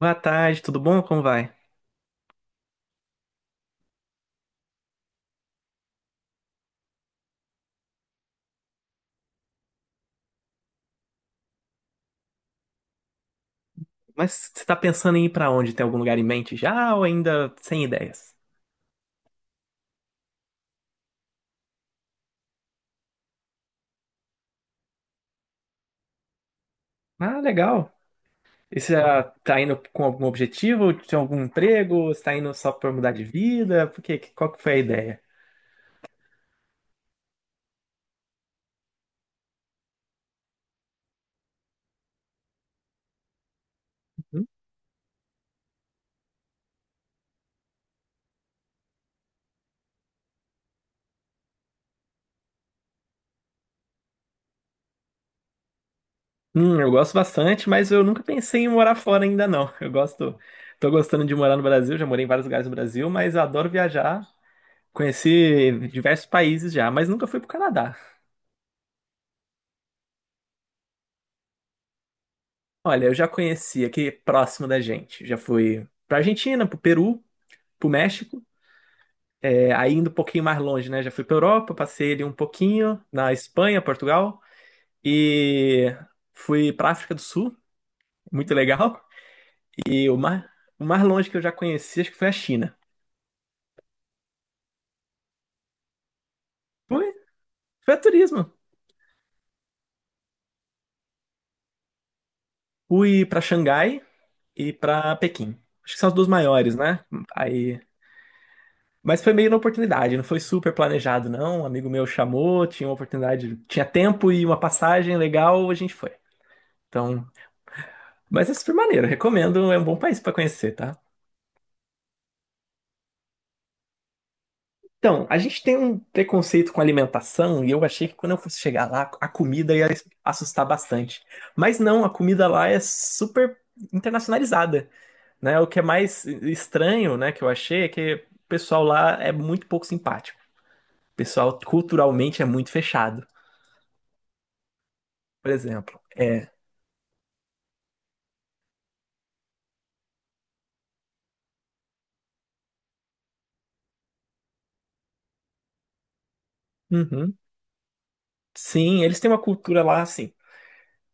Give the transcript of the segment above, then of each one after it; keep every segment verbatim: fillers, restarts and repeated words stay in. Boa tarde, tudo bom? Como vai? Mas você tá pensando em ir pra onde? Tem algum lugar em mente já ou ainda sem ideias? Ah, legal. E você já tá indo com algum objetivo? Tem algum emprego? Você tá indo só pra mudar de vida? Por quê? Qual que foi a ideia? Hum, eu gosto bastante, mas eu nunca pensei em morar fora ainda não. Eu gosto, tô gostando de morar no Brasil, já morei em vários lugares no Brasil, mas eu adoro viajar. Conheci diversos países já, mas nunca fui pro Canadá. Olha, eu já conheci aqui próximo da gente. Já fui pra Argentina, pro Peru, pro México. É, aí indo um pouquinho mais longe, né? Já fui pra Europa, passei ali um pouquinho na Espanha, Portugal. E fui pra África do Sul, muito legal. E o mais, o mais longe que eu já conheci, acho que foi a China. Foi, foi a turismo. Fui pra Xangai e pra Pequim. Acho que são as duas maiores, né? Aí Mas foi meio na oportunidade, não foi super planejado, não. Um amigo meu chamou, tinha uma oportunidade, tinha tempo e uma passagem legal, a gente foi. Então, mas é super maneiro, recomendo, é um bom país pra conhecer, tá? Então, a gente tem um preconceito com alimentação e eu achei que quando eu fosse chegar lá, a comida ia assustar bastante. Mas não, a comida lá é super internacionalizada, né? O que é mais estranho, né, que eu achei é que o pessoal lá é muito pouco simpático. O pessoal culturalmente é muito fechado. Por exemplo, é, Uhum. Sim, eles têm uma cultura lá assim.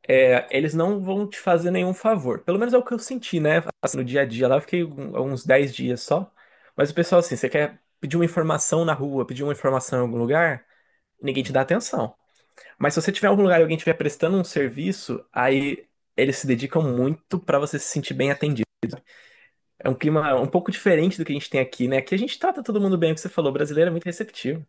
é, Eles não vão te fazer nenhum favor. Pelo menos é o que eu senti, né? Assim, no dia a dia lá, eu fiquei um- uns dez dias só. Mas o pessoal, assim, você quer pedir uma informação na rua, pedir uma informação em algum lugar, ninguém te dá atenção. Mas se você tiver em algum lugar e alguém estiver prestando um serviço, aí eles se dedicam muito pra você se sentir bem atendido. É um clima um pouco diferente do que a gente tem aqui, né? Aqui a gente trata todo mundo bem, é o que você falou, o brasileiro é muito receptivo.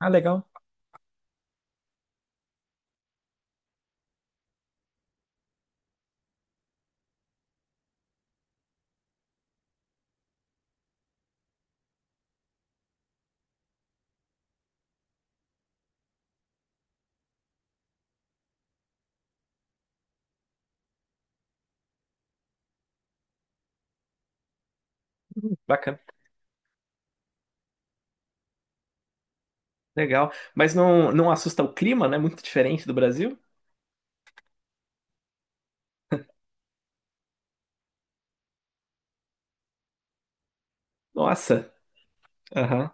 Ah, legal, bacana. Legal. Mas não, não assusta o clima, né? Muito diferente do Brasil. Nossa. Aham.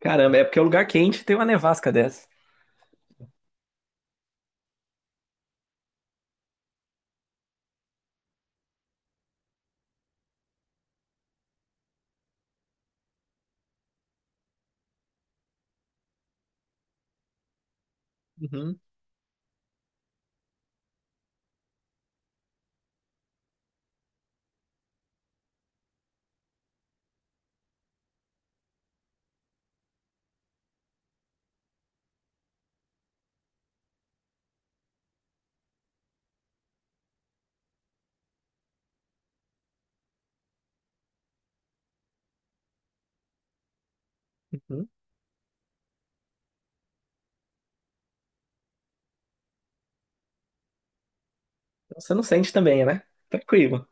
Caramba, é porque é um lugar quente e tem uma nevasca dessa. Uhum, uhum. Então você não sente também, né? Tranquilo.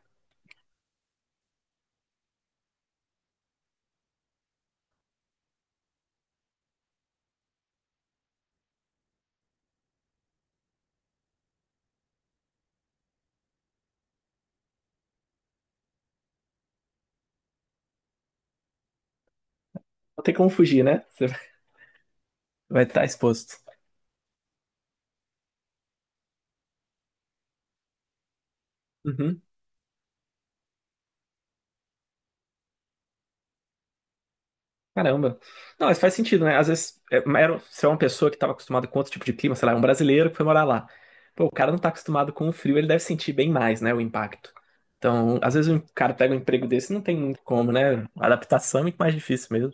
Não tem como fugir, né? Você vai vai estar exposto. Uhum. Caramba. Não, mas faz sentido, né? Às vezes, é, era, se é uma pessoa que estava acostumada com outro tipo de clima, sei lá, é um brasileiro que foi morar lá. Pô, o cara não tá acostumado com o frio, ele deve sentir bem mais, né? O impacto. Então, às vezes o cara pega um emprego desse e não tem muito como, né? A adaptação é muito mais difícil mesmo.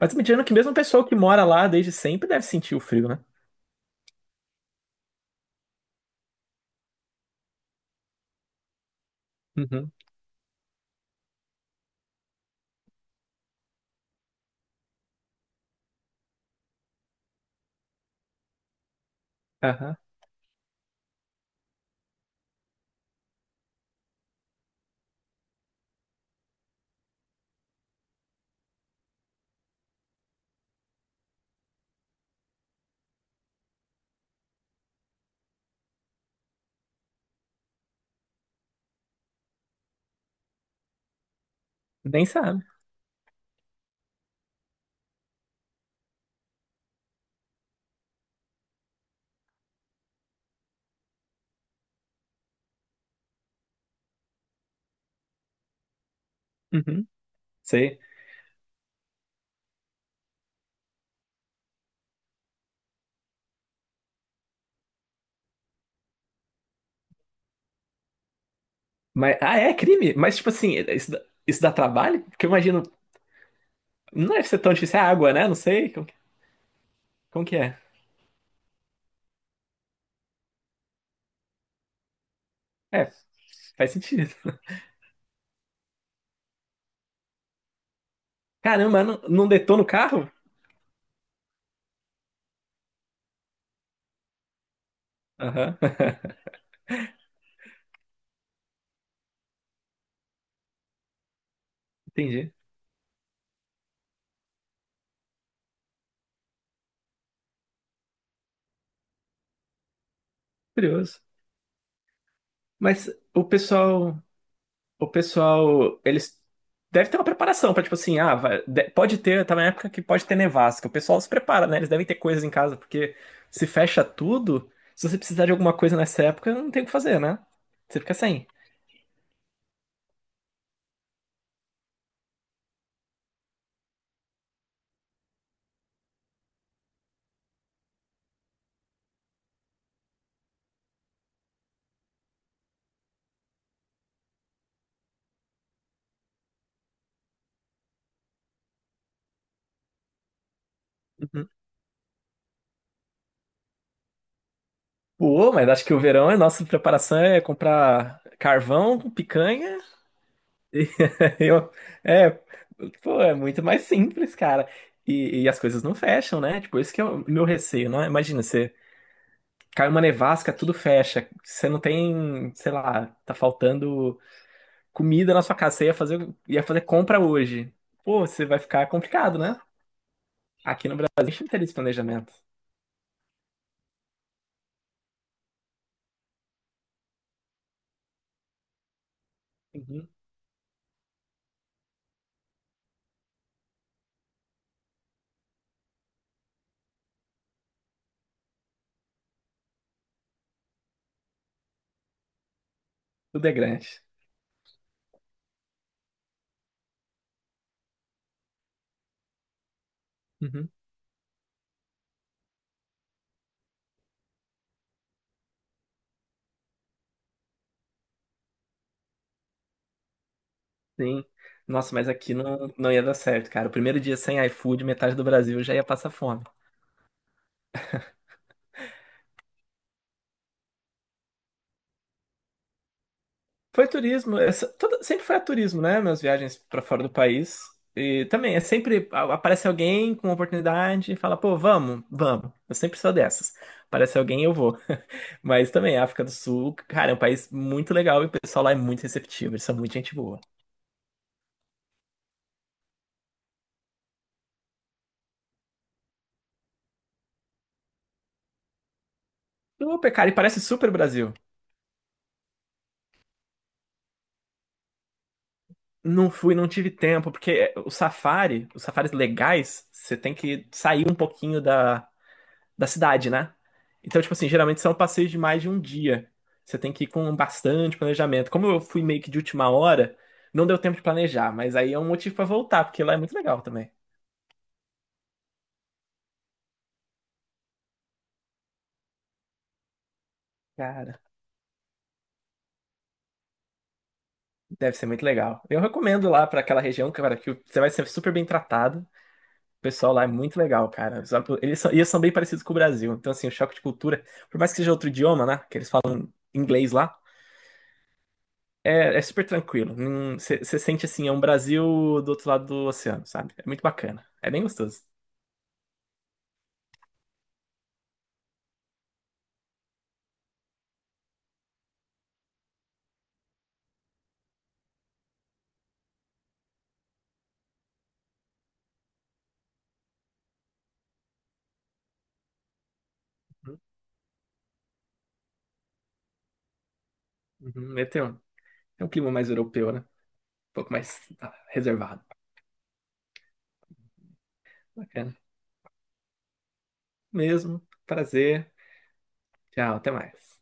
Mas me tirando que mesmo o pessoal que mora lá desde sempre deve sentir o frio, né? Uhum. Aham. Nem sabe. Uhum. Sei. Mas, ah, é crime? Mas, tipo assim, é, isso, dá- isso dá trabalho? Porque eu imagino. Não deve ser tão difícil. É água, né? Não sei. Como, que como que é? É, faz sentido. Caramba, não, não detona o carro? Aham. Entendi. Curioso. Mas o pessoal, o pessoal, eles deve ter uma preparação para tipo assim, ah, vai- de- pode ter, tá na época que pode ter nevasca. O pessoal se prepara, né? Eles devem ter coisas em casa, porque se fecha tudo, se você precisar de alguma coisa nessa época, não tem o que fazer, né? Você fica sem. Uhum. Pô, mas acho que o verão é nossa preparação é comprar carvão, picanha. E Eu, é, pô, é muito mais simples, cara. E, e as coisas não fecham, né? Tipo, esse que é o meu receio, né? Imagina, você cai uma nevasca, tudo fecha. Você não tem, sei lá, tá faltando comida na sua casa. Você ia fazer, ia fazer compra hoje. Pô, você vai ficar complicado, né? Aqui no Brasil a gente não tem esse planejamento. Uhum. Tudo é grande. Uhum. Sim. Nossa, mas aqui não, não ia dar certo, cara. O primeiro dia sem iFood, metade do Brasil já ia passar fome. Foi turismo, essa- toda- sempre foi a turismo, né? Minhas viagens pra fora do país. E também, é sempre a- aparece alguém com uma oportunidade e fala, pô, vamos, vamos. Eu sempre sou dessas. Aparece alguém, eu vou. Mas também, África do Sul, cara, é um país muito legal e o pessoal lá é muito receptivo, eles são muito gente boa. Super, cara, e parece super Brasil. Não fui, não tive tempo, porque o safari, os safaris legais, você tem que sair um pouquinho da da cidade, né? Então, tipo assim, geralmente são passeios de mais de um dia. Você tem que ir com bastante planejamento. Como eu fui meio que de última hora, não deu tempo de planejar, mas aí é um motivo pra voltar, porque lá é muito legal também. Cara, deve ser muito legal. Eu recomendo lá pra aquela região, cara, que você vai ser super bem tratado. O pessoal lá é muito legal, cara. Eles são, eles são bem parecidos com o Brasil. Então, assim, o choque de cultura, por mais que seja outro idioma, né? Que eles falam inglês lá. É, é super tranquilo. Você sente assim, é um Brasil do outro lado do oceano, sabe? É muito bacana. É bem gostoso. Uhum, uhum. é, tem um, tem um clima mais europeu, né? Um pouco mais ah, reservado. Bacana. Mesmo. Prazer. Tchau, até mais.